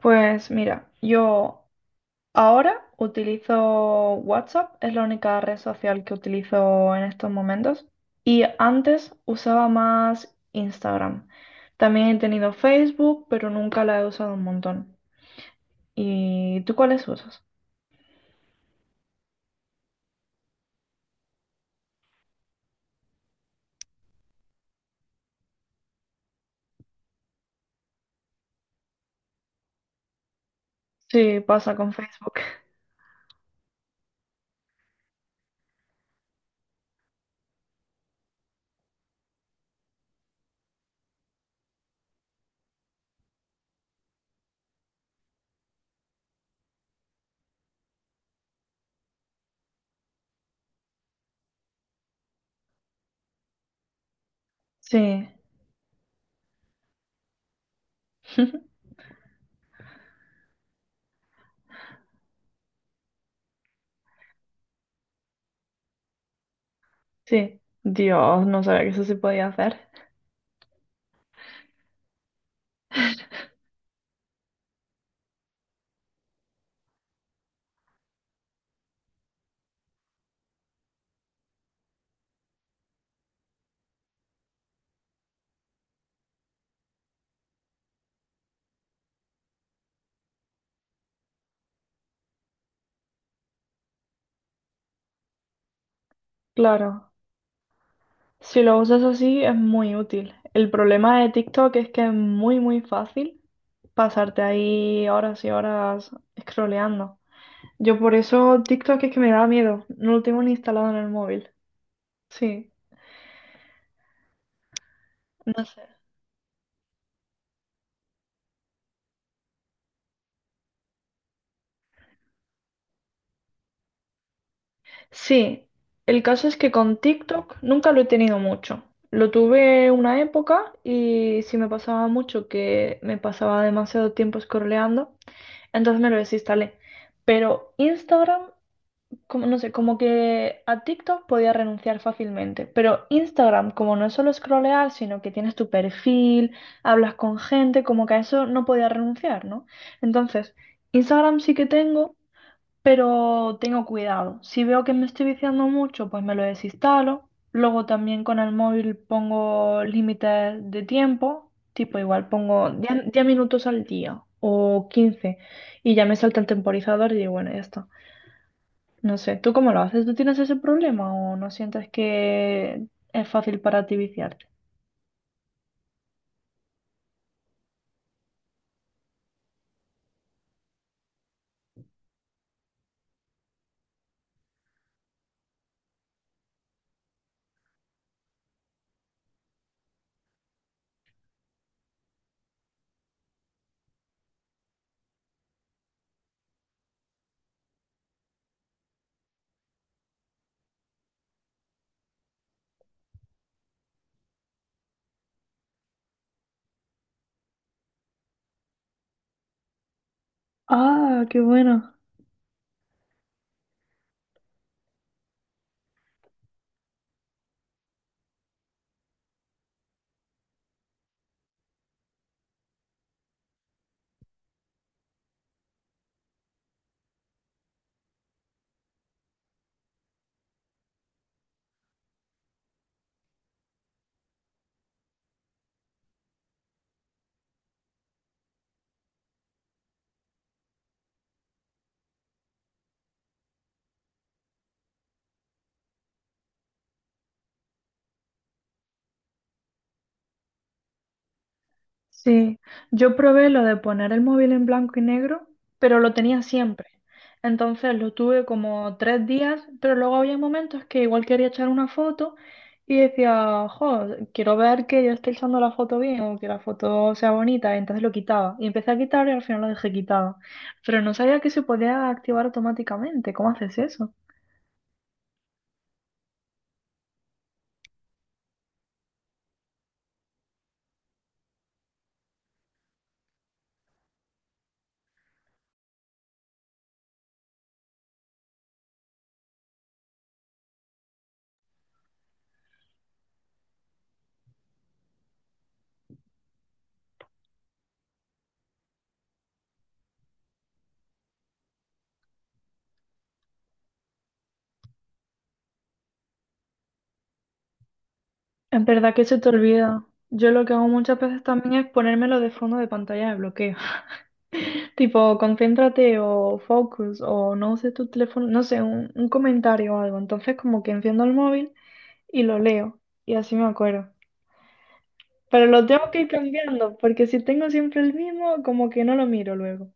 Pues mira, yo ahora utilizo WhatsApp, es la única red social que utilizo en estos momentos. Y antes usaba más Instagram. También he tenido Facebook, pero nunca la he usado un montón. ¿Y tú cuáles usas? Sí, pasa con Facebook. Sí, sí. Dios, no sabía que eso se podía hacer. Claro, si lo usas así es muy útil. El problema de TikTok es que es muy, muy fácil pasarte ahí horas y horas scrolleando. Yo por eso TikTok es que me da miedo. No lo tengo ni instalado en el móvil. Sí, no sé. Sí, el caso es que con TikTok nunca lo he tenido mucho. Lo tuve una época y si me pasaba mucho, que me pasaba demasiado tiempo scrolleando, entonces me lo desinstalé. Pero Instagram, como, no sé, como que a TikTok podía renunciar fácilmente, pero Instagram, como no es solo scrollear, sino que tienes tu perfil, hablas con gente, como que a eso no podía renunciar, ¿no? Entonces, Instagram sí que tengo, pero tengo cuidado. Si veo que me estoy viciando mucho, pues me lo desinstalo. Luego también con el móvil pongo límites de tiempo, tipo igual pongo 10 10 minutos al día o 15, y ya me salta el temporizador y digo, bueno, ya está. No sé, ¿tú cómo lo haces? ¿Tú tienes ese problema o no sientes que es fácil para ti viciarte? Ah, qué bueno. Sí, yo probé lo de poner el móvil en blanco y negro, pero lo tenía siempre. Entonces lo tuve como 3 días, pero luego había momentos que igual quería echar una foto y decía, jo, quiero ver que yo esté echando la foto bien o que la foto sea bonita, y entonces lo quitaba. Y empecé a quitar y al final lo dejé quitado. Pero no sabía que se podía activar automáticamente. ¿Cómo haces eso? Es verdad que se te olvida. Yo lo que hago muchas veces también es ponérmelo de fondo de pantalla de bloqueo. Tipo, concéntrate o focus, o no sé, tu teléfono, no sé, un comentario o algo. Entonces, como que enciendo el móvil y lo leo, y así me acuerdo. Pero lo tengo que ir cambiando, porque si tengo siempre el mismo, como que no lo miro luego.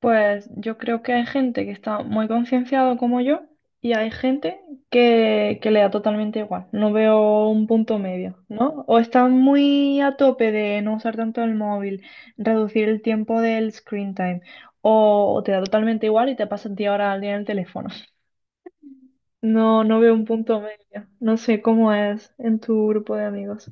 Pues yo creo que hay gente que está muy concienciado como yo, y hay gente que le da totalmente igual. No veo un punto medio, ¿no? O están muy a tope de no usar tanto el móvil, reducir el tiempo del screen time, o te da totalmente igual y te pasas 10 horas al día en el teléfono. No, no veo un punto medio. No sé cómo es en tu grupo de amigos.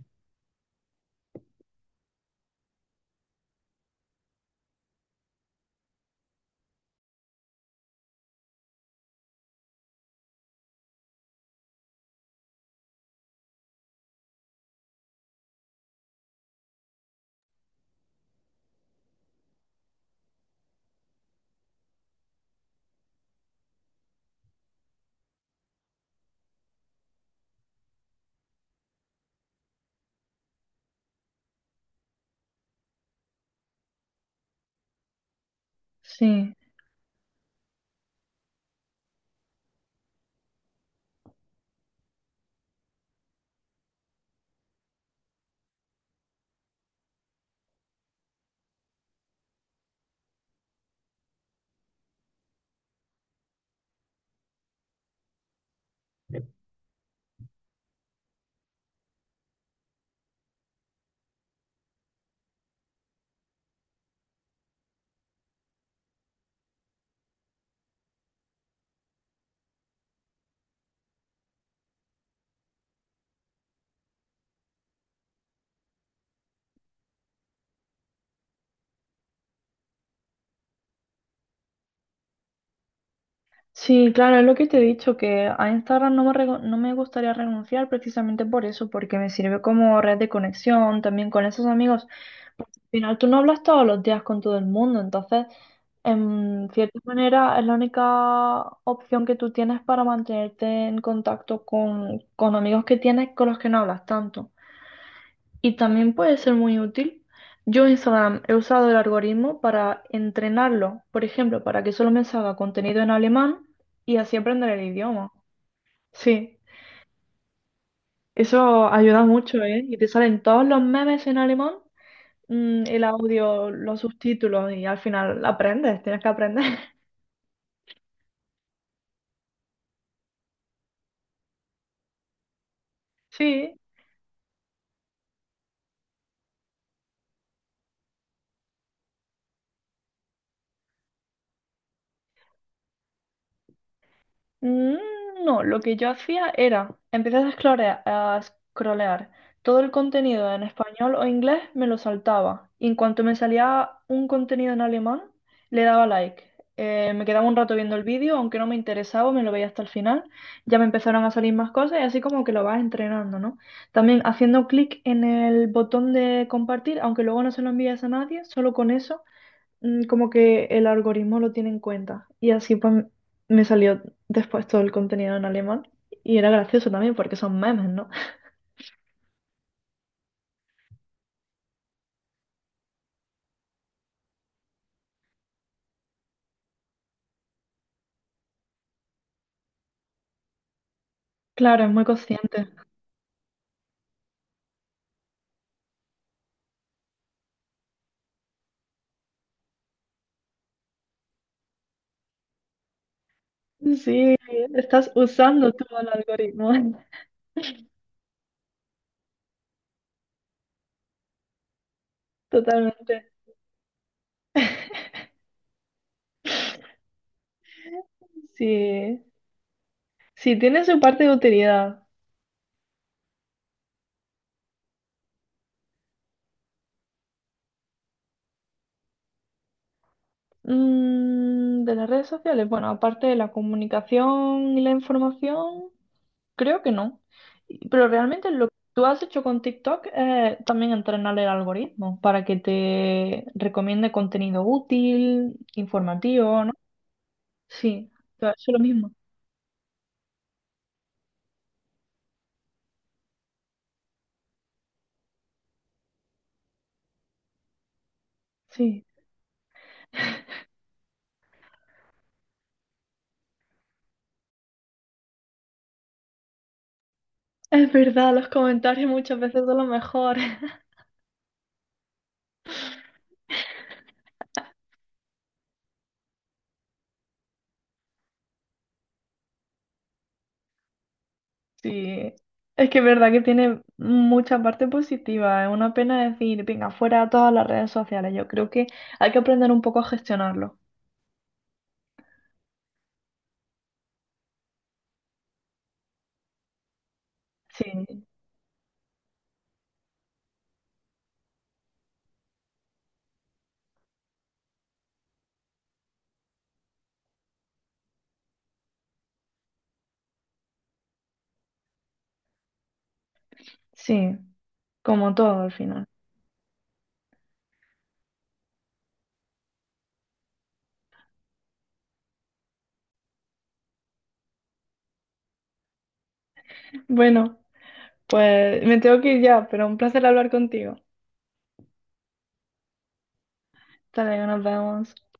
Sí. Sí, claro, es lo que te he dicho, que a Instagram no me, rego- no me gustaría renunciar precisamente por eso, porque me sirve como red de conexión, también con esos amigos. Porque al final tú no hablas todos los días con todo el mundo, entonces, en cierta manera, es la única opción que tú tienes para mantenerte en contacto con amigos que tienes, con los que no hablas tanto. Y también puede ser muy útil. Yo en Instagram he usado el algoritmo para entrenarlo, por ejemplo, para que solo me salga contenido en alemán y así aprender el idioma. Sí, eso ayuda mucho, ¿eh? Y te salen todos los memes en alemán, el audio, los subtítulos, y al final aprendes, tienes que aprender. Sí. Mm, no, lo que yo hacía era empezar a scrollear, a scrollear. Todo el contenido en español o inglés me lo saltaba. Y en cuanto me salía un contenido en alemán, le daba like. Me quedaba un rato viendo el vídeo, aunque no me interesaba, me lo veía hasta el final. Ya me empezaron a salir más cosas, y así como que lo vas entrenando, ¿no? También haciendo clic en el botón de compartir, aunque luego no se lo envíes a nadie, solo con eso, como que el algoritmo lo tiene en cuenta. Y así pues me salió después todo el contenido en alemán. Y era gracioso también porque son memes, ¿no? Claro, es muy consciente. Sí, estás usando tú el algoritmo. Totalmente. Sí, sí, tiene su parte de utilidad. De las redes sociales, bueno, aparte de la comunicación y la información, creo que no. Y- Pero realmente lo que tú has hecho con TikTok es también entrenar el algoritmo para que te recomiende contenido útil, informativo, ¿no? Sí, tú has hecho lo mismo. Sí. Es verdad, los comentarios muchas veces son los mejores. Sí, es que es verdad que tiene mucha parte positiva. Es una pena decir, venga, fuera a todas las redes sociales. Yo creo que hay que aprender un poco a gestionarlo. Sí, sí, como todo al final. Bueno, pues me tengo que ir ya, pero un placer hablar contigo. Hasta luego, nos vemos.